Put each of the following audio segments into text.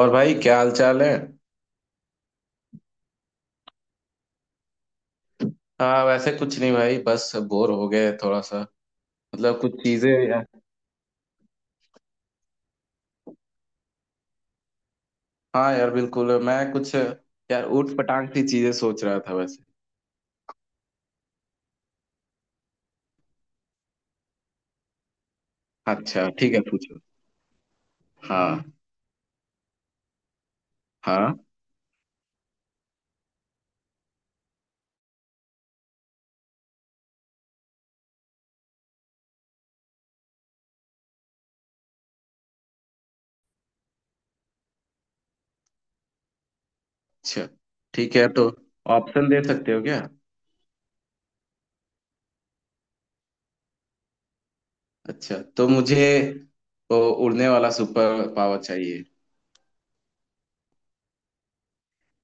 और भाई, क्या हाल चाल है। हाँ, वैसे कुछ नहीं भाई, बस बोर हो गए थोड़ा सा। मतलब कुछ चीजें। हाँ यार, बिल्कुल। मैं कुछ यार ऊट पटांग सी चीजें सोच रहा था वैसे। अच्छा, ठीक है, पूछो। हाँ। हाँ। अच्छा, ठीक है तो ऑप्शन दे सकते हो क्या? अच्छा तो मुझे तो उड़ने वाला सुपर पावर चाहिए।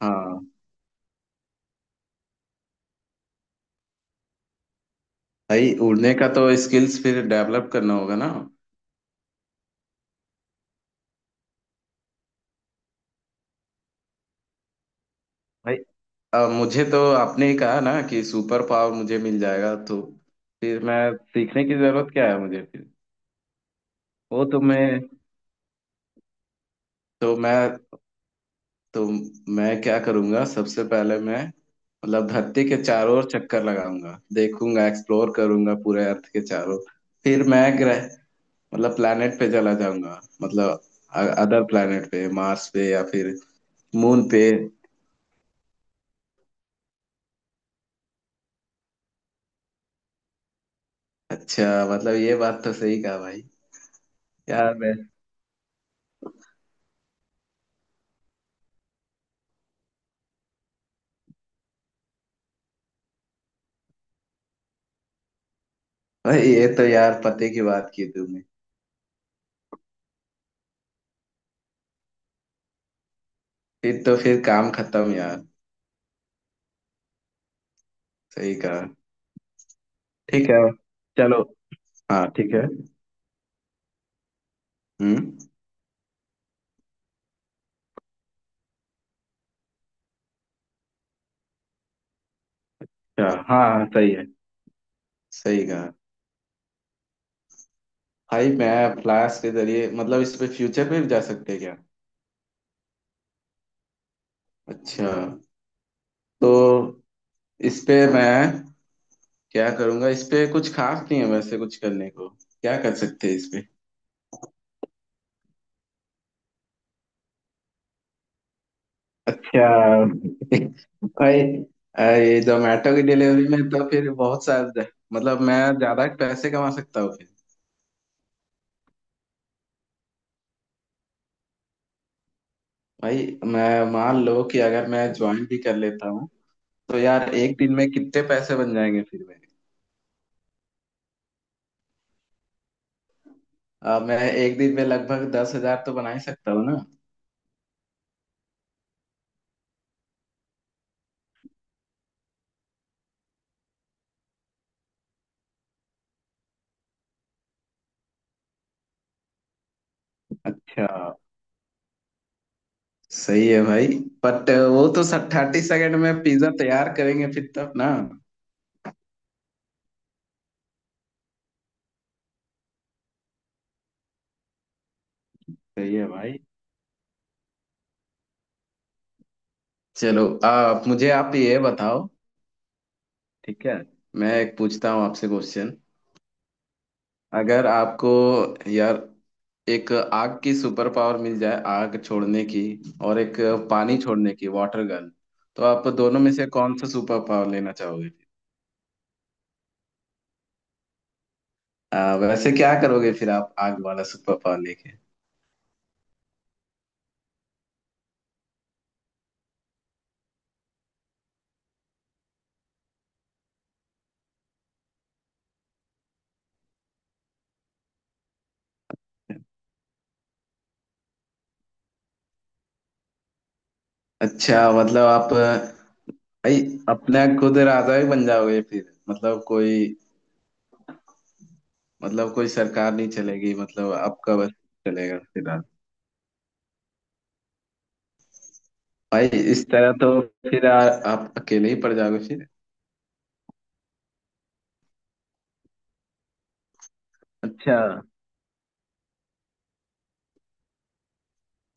हाँ। भाई, उड़ने का तो स्किल्स फिर डेवलप करना होगा ना। भाई। अब मुझे तो आपने ही कहा ना कि सुपर पावर मुझे मिल जाएगा, तो फिर मैं सीखने की जरूरत क्या है मुझे फिर? वो तो मैं तो मैं तो क्या करूंगा, सबसे पहले मैं मतलब धरती के चारों ओर चक्कर लगाऊंगा, देखूंगा, एक्सप्लोर करूंगा पूरे अर्थ के चारों। फिर मैं ग्रह, मतलब planet पे चला जाऊंगा, मतलब अदर planet पे, मार्स पे या फिर मून पे। अच्छा, मतलब ये बात तो सही कहा भाई। यार मैं भाई, ये तो यार पते की बात की तुमने। फिर तो फिर काम खत्म यार। सही कहा। ठीक है, चलो। हाँ, ठीक है। हम्म। क्या? हाँ हाँ, सही है। सही कहा। भाई मैं फ्लैश के जरिए मतलब इस पे फ्यूचर में भी जा सकते हैं क्या? अच्छा। तो इस पे मैं क्या करूंगा? इस पे कुछ खास नहीं है वैसे, कुछ करने को। क्या कर सकते हैं इस पे? अच्छा। भाई, ये जोमेटो की डिलीवरी में तो फिर बहुत सारे, मतलब मैं ज्यादा पैसे कमा सकता हूँ। भाई मैं मान लो कि अगर मैं ज्वाइन भी कर लेता हूँ, तो यार एक दिन में कितने पैसे बन जाएंगे फिर मेरे? मैं एक दिन में लगभग 10,000 तो बना ही सकता हूँ ना। अच्छा, सही है भाई। बट वो तो 30 सेकेंड में पिज्जा तैयार करेंगे फिर तब ना? सही है भाई। चलो, मुझे आप ये बताओ। ठीक है। मैं एक पूछता हूँ आपसे क्वेश्चन। अगर आपको यार एक आग की सुपर पावर मिल जाए, आग छोड़ने की, और एक पानी छोड़ने की, वाटर गन, तो आप दोनों में से कौन सा सुपर पावर लेना चाहोगे? वैसे क्या करोगे फिर आप आग वाला सुपर पावर लेके? अच्छा, मतलब आप भाई अपने खुद राजा ही बन जाओगे फिर। मतलब कोई मतलब कोई सरकार नहीं चलेगी, मतलब आपका बस चलेगा फिर आप। भाई, इस तरह तो फिर आप अकेले ही पड़ जाओगे फिर। अच्छा।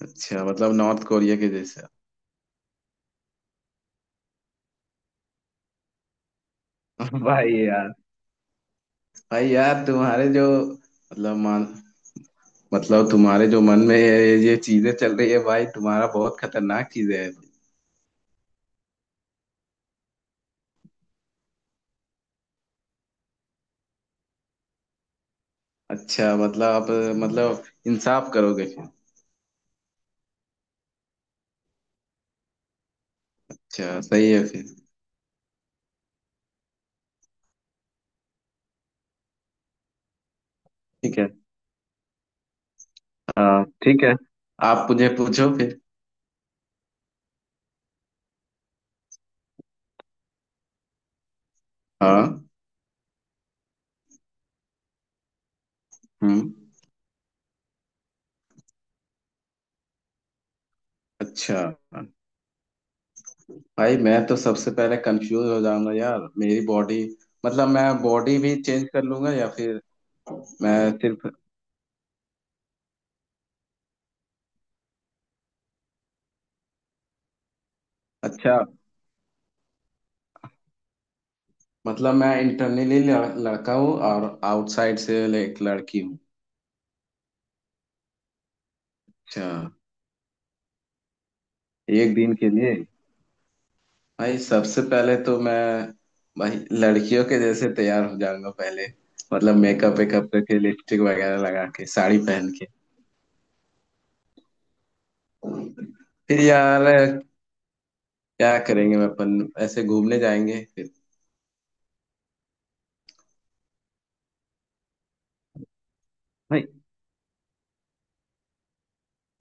अच्छा, मतलब नॉर्थ कोरिया के जैसे? भाई यार भाई यार तुम्हारे जो मतलब मान, मतलब तुम्हारे जो मन में ये चीजें चल रही है भाई, तुम्हारा बहुत खतरनाक चीजें है। अच्छा, मतलब आप मतलब इंसाफ करोगे फिर? अच्छा, सही है फिर। ठीक है। हाँ, ठीक है। आप मुझे पूछो फिर। हाँ। हम्म। अच्छा, भाई मैं तो सबसे पहले कंफ्यूज हो जाऊंगा यार। मेरी बॉडी, मतलब मैं बॉडी भी चेंज कर लूंगा या फिर मैं सिर्फ? अच्छा, मतलब मैं इंटरनली लड़का हूँ और आउटसाइड से एक लड़की हूँ। अच्छा, एक दिन के लिए। भाई सबसे पहले तो मैं भाई, लड़कियों के जैसे तैयार हो जाऊंगा पहले। मतलब मेकअप वेकअप करके, लिपस्टिक वगैरह लगा के, साड़ी पहन के। फिर यार क्या करेंगे, मैं अपन ऐसे घूमने जाएंगे फिर। भाई,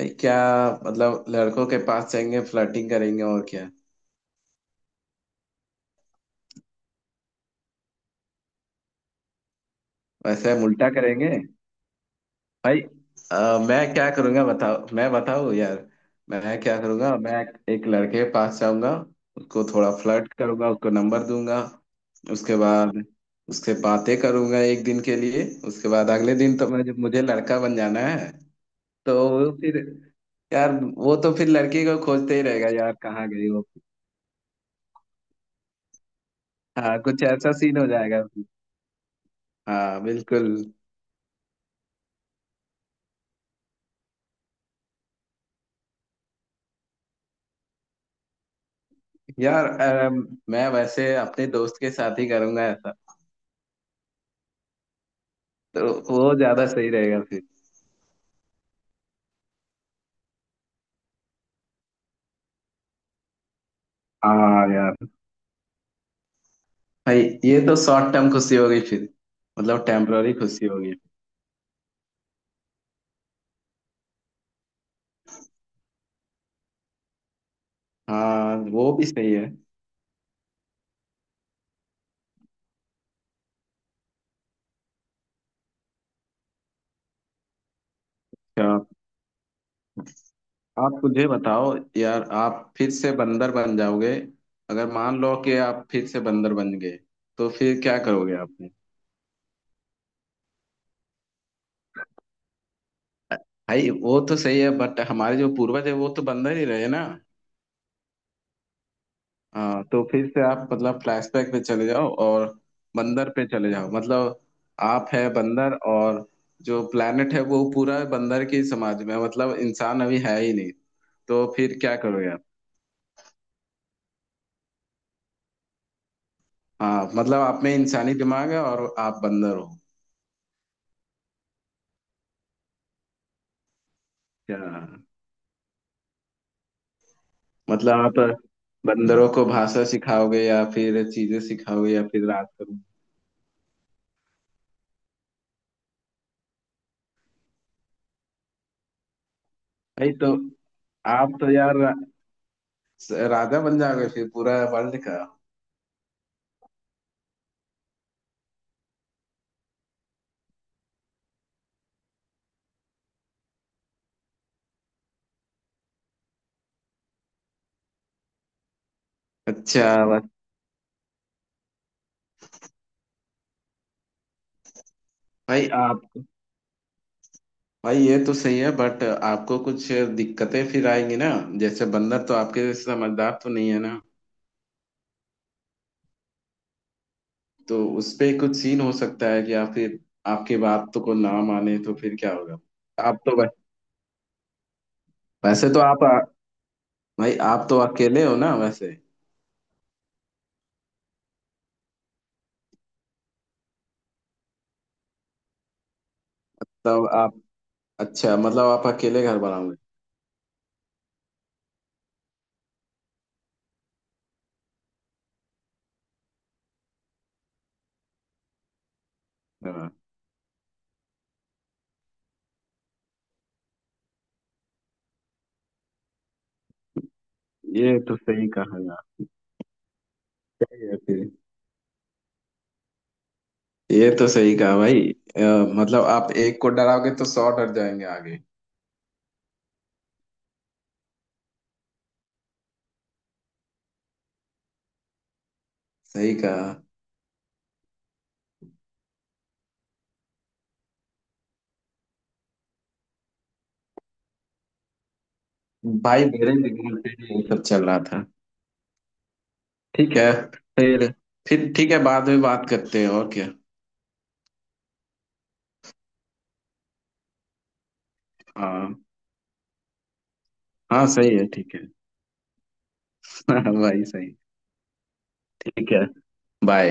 भाई क्या, मतलब लड़कों के पास जाएंगे, फ्लर्टिंग करेंगे और क्या? वैसे हम उल्टा करेंगे। भाई, अ, मैं क्या करूंगा बताओ, मैं बताऊं यार? मैं क्या करूंगा, मैं एक लड़के के पास जाऊंगा, उसको थोड़ा फ्लर्ट करूंगा, उसको नंबर दूंगा। उसके बाद उससे बातें करूंगा एक दिन के लिए। उसके बाद अगले दिन तो मैं, मुझे लड़का बन जाना है तो फिर यार वो तो फिर लड़की को खोजते ही रहेगा यार, कहाँ गई वो? हाँ, कुछ ऐसा सीन हो जाएगा फिर। हाँ, बिल्कुल। यार, मैं वैसे अपने दोस्त के साथ ही करूंगा ऐसा, तो वो ज्यादा सही रहेगा फिर। हाँ यार। भाई, ये तो शॉर्ट टर्म खुशी हो गई फिर, मतलब टेम्पररी खुशी हो गई। हाँ, वो भी सही है। अच्छा, आप मुझे बताओ। यार, आप फिर से बंदर बन जाओगे अगर मान लो कि आप फिर से बंदर बन गए, तो फिर क्या करोगे आपने? भाई, वो तो सही है बट हमारे जो पूर्वज है वो तो बंदर ही रहे ना। हाँ, तो फिर से आप मतलब फ्लैशबैक पे चले जाओ और बंदर पे चले जाओ, मतलब आप है बंदर, और जो प्लेनेट है वो पूरा बंदर की समाज में है, मतलब इंसान अभी है ही नहीं। तो फिर क्या करोगे आप? हाँ, मतलब आप में इंसानी दिमाग है और आप बंदर हो। क्या? मतलब आप बंदरों को भाषा सिखाओगे या फिर चीजें सिखाओगे या फिर राज करोगे? भाई, तो आप तो यार राजा बन जाओगे फिर पूरा वर्ल्ड का। अच्छा। बस। भाई आप, भाई, ये तो सही है बट आपको कुछ दिक्कतें फिर आएंगी ना। जैसे बंदर तो आपके जैसे समझदार तो नहीं है ना, तो उस पे कुछ सीन हो सकता है कि आप फिर, आपकी बात तो को ना माने तो फिर क्या होगा? आप तो वै- वैसे तो आप भाई, आप तो अकेले हो ना वैसे? तब आप, अच्छा, मतलब आप अकेले घर बनाओगे? हाँ। ये तो सही कहा यार। ये फिर, ये तो सही कहा भाई। अ, मतलब आप एक को डराओगे तो 100 डर जाएंगे आगे। सही कहा। भाई, मेरे दिमाग पे भी ये सब चल रहा था। ठीक है। फिर फिर ठीक है, बाद में बात करते हैं और क्या। हाँ, हाँ सही है, ठीक है। हाँ भाई, सही। ठीक है। बाय।